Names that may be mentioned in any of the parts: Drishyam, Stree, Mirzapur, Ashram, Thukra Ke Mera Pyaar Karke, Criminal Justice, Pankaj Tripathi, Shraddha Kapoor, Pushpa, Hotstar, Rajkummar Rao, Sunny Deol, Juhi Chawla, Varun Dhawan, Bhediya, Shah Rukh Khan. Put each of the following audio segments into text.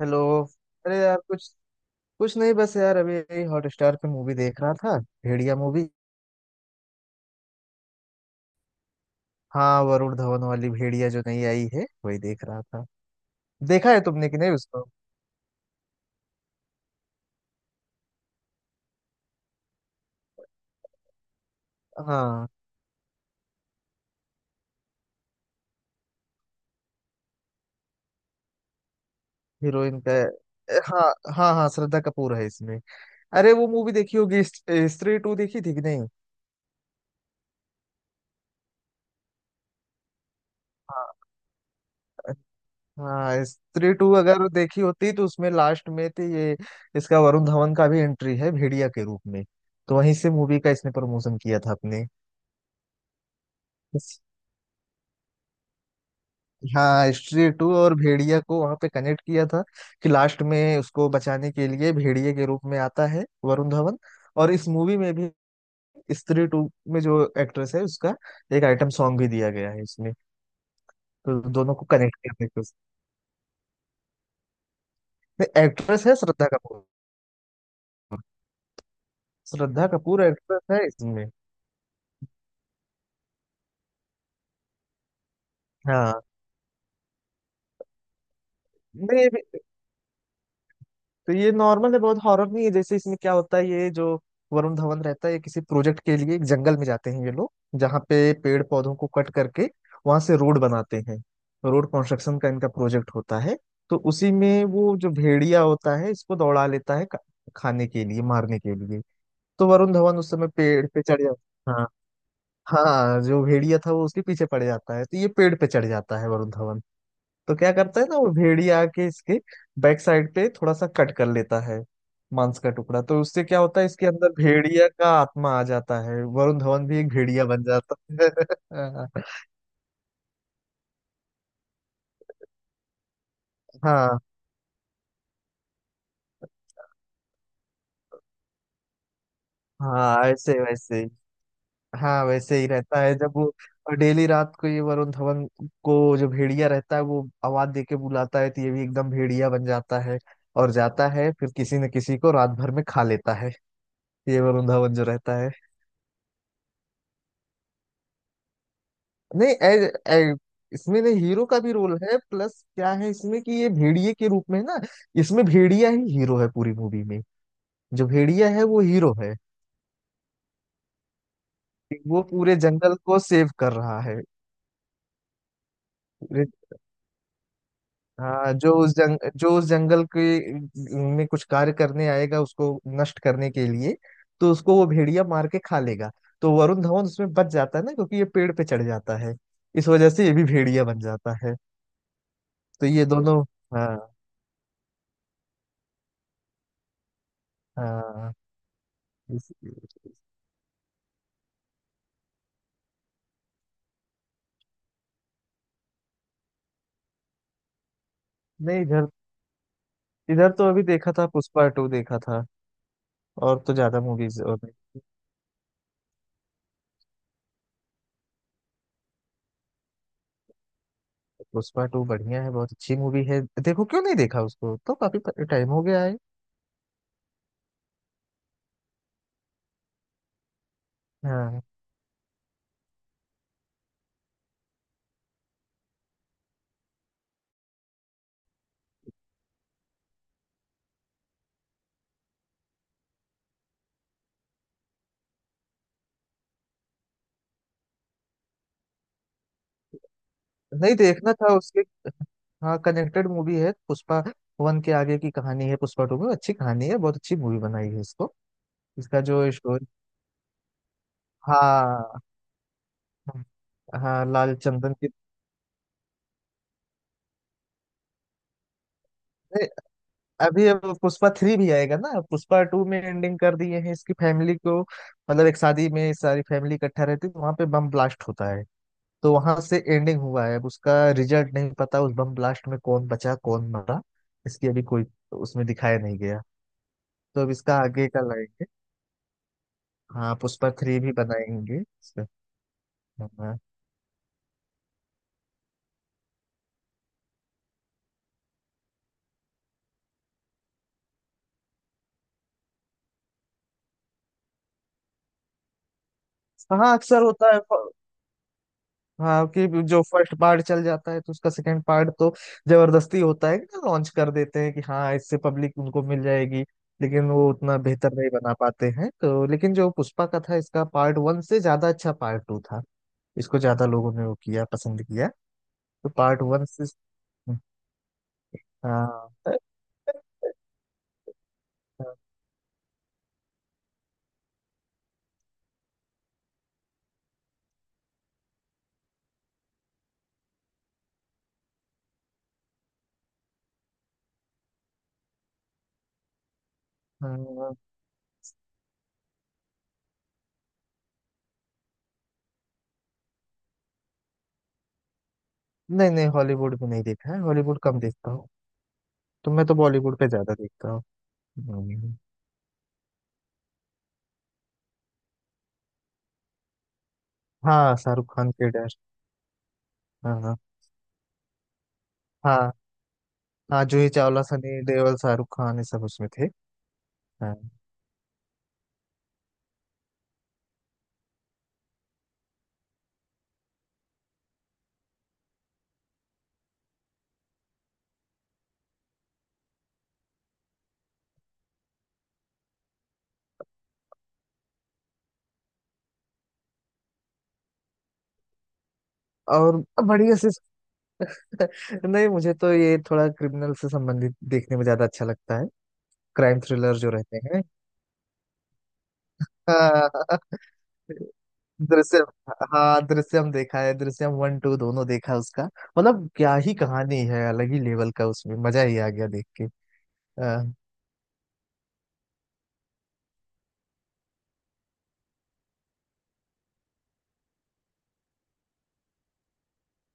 Hello. अरे यार कुछ, कुछ नहीं, बस यार अभी यही हॉटस्टार पे मूवी देख रहा था। भेड़िया मूवी। हाँ, वरुण धवन वाली भेड़िया जो नई आई है वही देख रहा था। देखा है तुमने कि नहीं उसको? हाँ, हीरोइन का? हाँ हाँ, हाँ श्रद्धा कपूर है इसमें। अरे वो मूवी देखी होगी स्त्री टू देखी थी कि नहीं? हाँ। हाँ स्त्री टू अगर देखी होती तो उसमें लास्ट में तो ये इसका वरुण धवन का भी एंट्री है भेड़िया के रूप में। तो वहीं से मूवी का इसने प्रमोशन किया था अपने। हाँ, हिस्ट्री टू और भेड़िया को वहां पे कनेक्ट किया था कि लास्ट में उसको बचाने के लिए भेड़िए के रूप में आता है वरुण धवन। और इस मूवी में भी स्त्री टू में जो एक्ट्रेस है उसका एक आइटम सॉन्ग भी दिया गया है इसमें। तो दोनों को कनेक्ट करने के एक्ट्रेस है श्रद्धा कपूर। श्रद्धा कपूर एक्ट्रेस है इसमें। हाँ। नहीं तो ये नॉर्मल है, बहुत हॉरर नहीं है। जैसे इसमें क्या होता है, ये जो वरुण धवन रहता है ये किसी प्रोजेक्ट के लिए एक जंगल में जाते हैं ये लोग, जहाँ पे पेड़ पौधों को कट करके वहां से रोड बनाते हैं। रोड कंस्ट्रक्शन का इनका प्रोजेक्ट होता है। तो उसी में वो जो भेड़िया होता है इसको दौड़ा लेता है खाने के लिए, मारने के लिए। तो वरुण धवन उस समय पेड़ पे चढ़ जाता। हाँ। हाँ जो भेड़िया था वो उसके पीछे पड़ जाता है तो ये पेड़ पे चढ़ जाता है वरुण धवन। तो क्या करता है ना, वो भेड़िया आके इसके बैक साइड पे थोड़ा सा कट कर लेता है मांस का टुकड़ा। तो उससे क्या होता है इसके अंदर भेड़िया का आत्मा आ जाता है, वरुण धवन भी एक भेड़िया बन जाता है। हाँ। हाँ ऐसे वैसे ही। हाँ वैसे ही रहता है। जब वो डेली रात को ये वरुण धवन को जो भेड़िया रहता है वो आवाज दे के बुलाता है तो ये भी एकदम भेड़िया बन जाता है और जाता है फिर किसी न किसी को रात भर में खा लेता है। ये वरुण धवन जो रहता है। नहीं ए, ए, इसमें ना हीरो का भी रोल है। प्लस क्या है इसमें कि ये भेड़िए के रूप में है ना, इसमें भेड़िया ही हीरो है पूरी मूवी में। जो भेड़िया है वो हीरो है। वो पूरे जंगल को सेव कर रहा है। पूरे- हाँ जो उस जंग जो उस जंगल के में कुछ कार्य करने आएगा उसको नष्ट करने के लिए, तो उसको वो भेड़िया मार के खा लेगा। तो वरुण धवन उसमें बच जाता है ना, क्योंकि ये पेड़ पे चढ़ जाता है। इस वजह से ये भी भेड़िया बन जाता है। तो ये दोनों। हाँ। हाँ। इस- नहीं इधर, इधर तो अभी देखा था पुष्पा टू देखा था। और तो ज्यादा मूवीज और नहीं। पुष्पा टू बढ़िया है, बहुत अच्छी मूवी है। देखो क्यों नहीं देखा उसको, तो काफी टाइम हो गया है। हाँ नहीं देखना था उसके। हाँ कनेक्टेड मूवी है। पुष्पा वन के आगे की कहानी है पुष्पा टू में। अच्छी कहानी है, बहुत अच्छी मूवी बनाई है इसको। इसका जो स्टोरी। हाँ हाँ, लाल चंदन की। अभी अब पुष्पा थ्री भी आएगा ना। पुष्पा टू में एंडिंग कर दिए हैं इसकी फैमिली को, मतलब एक शादी में सारी फैमिली इकट्ठा रहती है वहां पे बम ब्लास्ट होता है। तो वहां से एंडिंग हुआ है अब उसका। रिजल्ट नहीं पता उस बम ब्लास्ट में कौन बचा कौन मरा। इसकी अभी कोई उसमें दिखाया नहीं गया। तो अब इसका आगे का लाएंगे। हाँ पुष्पा थ्री भी बनाएंगे इसका। हाँ। हाँ, अक्सर होता है। हाँ कि जो फर्स्ट पार्ट चल जाता है तो उसका सेकंड पार्ट तो जबरदस्ती होता है कि ना लॉन्च कर देते हैं कि हाँ इससे पब्लिक उनको मिल जाएगी, लेकिन वो उतना बेहतर नहीं बना पाते हैं। तो लेकिन जो पुष्पा का था इसका पार्ट वन से ज्यादा अच्छा पार्ट टू था। इसको ज्यादा लोगों ने वो किया, पसंद किया, तो पार्ट वन से। हाँ। हाँ। हाँ। नहीं नहीं, हॉलीवुड भी नहीं देखा है। हॉलीवुड कम देखता हूँ, तो मैं तो बॉलीवुड पे ज्यादा देखता हूँ। हम्म। हाँ शाहरुख खान के डर। हाँ हाँ। हाँ। हाँ जूही चावला, सनी देओल, शाहरुख खान ये सब उसमें थे। हाँ। और बढ़िया से नहीं, मुझे तो ये थोड़ा क्रिमिनल से संबंधित देखने में ज्यादा अच्छा लगता है। क्राइम थ्रिलर जो रहते हैं। हाँ दृश्यम, हाँ दृश्यम देखा है। दृश्यम वन टू दोनों देखा है उसका। मतलब क्या ही कहानी है, अलग ही लेवल का। उसमें मजा ही आ गया देख के। हाँ,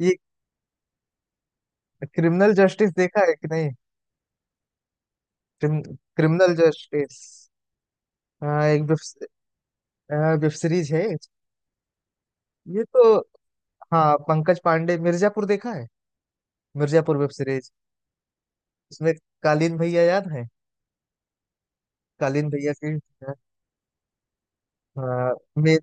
ये क्रिमिनल जस्टिस देखा है कि नहीं? Crim, criminal justice. हाँ एक वेब, हाँ वेब सीरीज है। ये तो, हाँ पंकज पांडे। मिर्जापुर देखा है? मिर्जापुर वेब सीरीज, उसमें कालीन भैया याद है? कालीन भैया के, हाँ मे,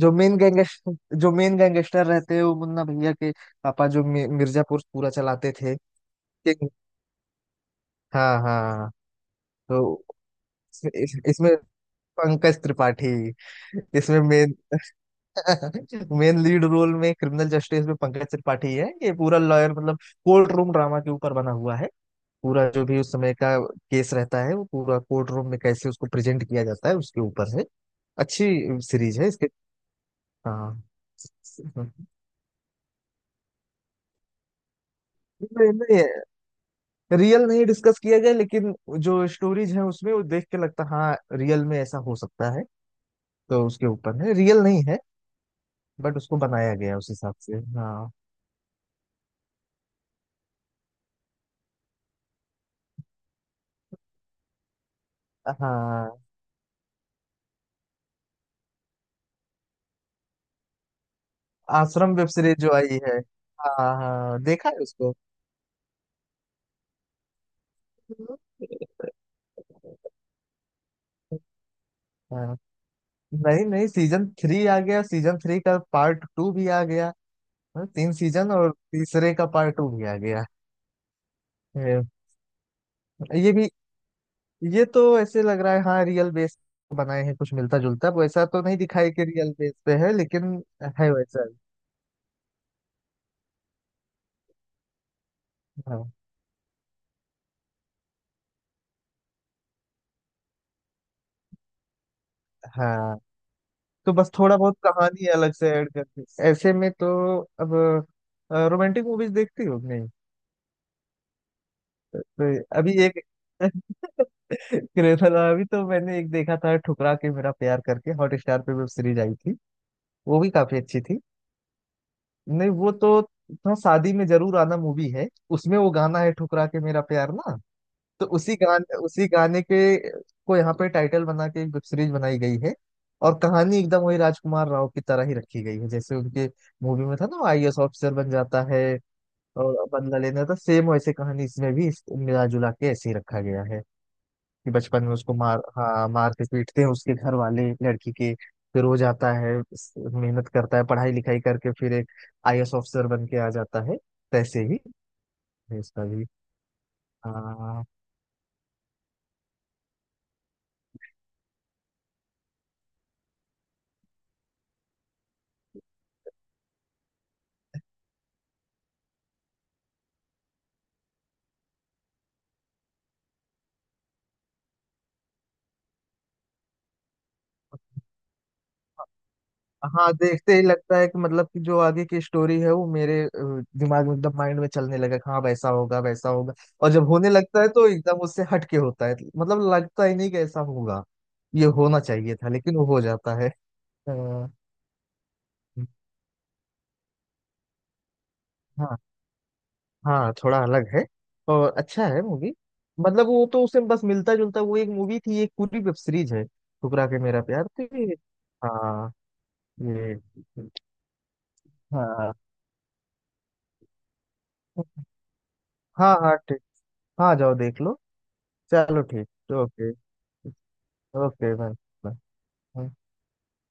जो मेन गैंगस्टर, जो मेन गैंगस्टर रहते हैं वो मुन्ना भैया के पापा जो मिर्जापुर पूरा चलाते थे। किंग। हाँ हाँ। तो इसमें इसमें पंकज त्रिपाठी। इसमें मेन मेन लीड रोल में क्रिमिनल जस्टिस में पंकज त्रिपाठी है। ये पूरा लॉयर मतलब कोर्ट रूम ड्रामा के ऊपर बना हुआ है। पूरा जो भी उस समय का केस रहता है वो पूरा कोर्ट रूम में कैसे उसको प्रेजेंट किया जाता है उसके ऊपर है। अच्छी सीरीज है इसके। हाँ। नहीं, नहीं, रियल नहीं डिस्कस किया गया, लेकिन जो स्टोरीज है उसमें वो देख के लगता है, हाँ रियल में ऐसा हो सकता है। तो उसके ऊपर है, रियल नहीं है बट उसको बनाया गया है उस हिसाब से। हाँ। हाँ आश्रम वेब सीरीज जो आई है, हाँ हाँ देखा है उसको। हाँ नहीं नहीं, सीजन थ्री आ गया, सीजन थ्री का पार्ट टू भी आ गया। हाँ, तीन सीजन और तीसरे का पार्ट टू भी आ गया है। ये भी ये तो ऐसे लग रहा है हाँ रियल बेस बनाए हैं। कुछ मिलता जुलता, वैसा तो नहीं दिखाई कि रियल बेस पे है लेकिन है वैसा ही। हाँ। हाँ तो बस थोड़ा बहुत कहानी अलग से ऐड करके ऐसे में तो। अब रोमांटिक मूवीज देखती हो कि नहीं? तो अभी एक क्रेथल अभी तो मैंने एक देखा था, ठुकरा के मेरा प्यार करके हॉट स्टार पे वेब सीरीज आई थी, वो भी काफी अच्छी थी। नहीं वो तो था, शादी में जरूर आना मूवी है, उसमें वो गाना है ठुकरा के मेरा प्यार ना। तो उसी गाने के को यहाँ पे टाइटल बना के एक वेब सीरीज बनाई गई है। और कहानी एकदम वही राजकुमार राव की तरह ही रखी गई है, जैसे उनके मूवी में था ना आईएएस ऑफिसर बन जाता है और बदला लेना था। सेम वैसे कहानी इसमें भी मिला जुला के ऐसे ही रखा गया है कि बचपन में उसको मार हाँ मारते पीटते हैं उसके घर वाले लड़की के। फिर वो जाता है, मेहनत करता है, पढ़ाई लिखाई करके फिर एक आईएएस ऑफिसर बन के आ जाता है। वैसे ही है इसका भी। हाँ। हाँ देखते ही लगता है कि मतलब कि जो आगे की स्टोरी है वो मेरे दिमाग में एकदम माइंड में चलने लगा कि हाँ वैसा होगा वैसा होगा। और जब होने लगता है तो एकदम उससे हट के होता है, मतलब लगता ही नहीं कि ऐसा होगा। ये होना चाहिए था लेकिन वो हो जाता है। अ, हाँ, हाँ थोड़ा अलग है और अच्छा है मूवी। मतलब वो तो उससे बस मिलता जुलता वो एक मूवी थी, एक पूरी वेब सीरीज है ठुकरा के मेरा प्यार, तो ये। हाँ, ये। हाँ। हाँ। हाँ ठीक। हाँ जाओ देख लो। चलो ठीक। ओके। Okay bye.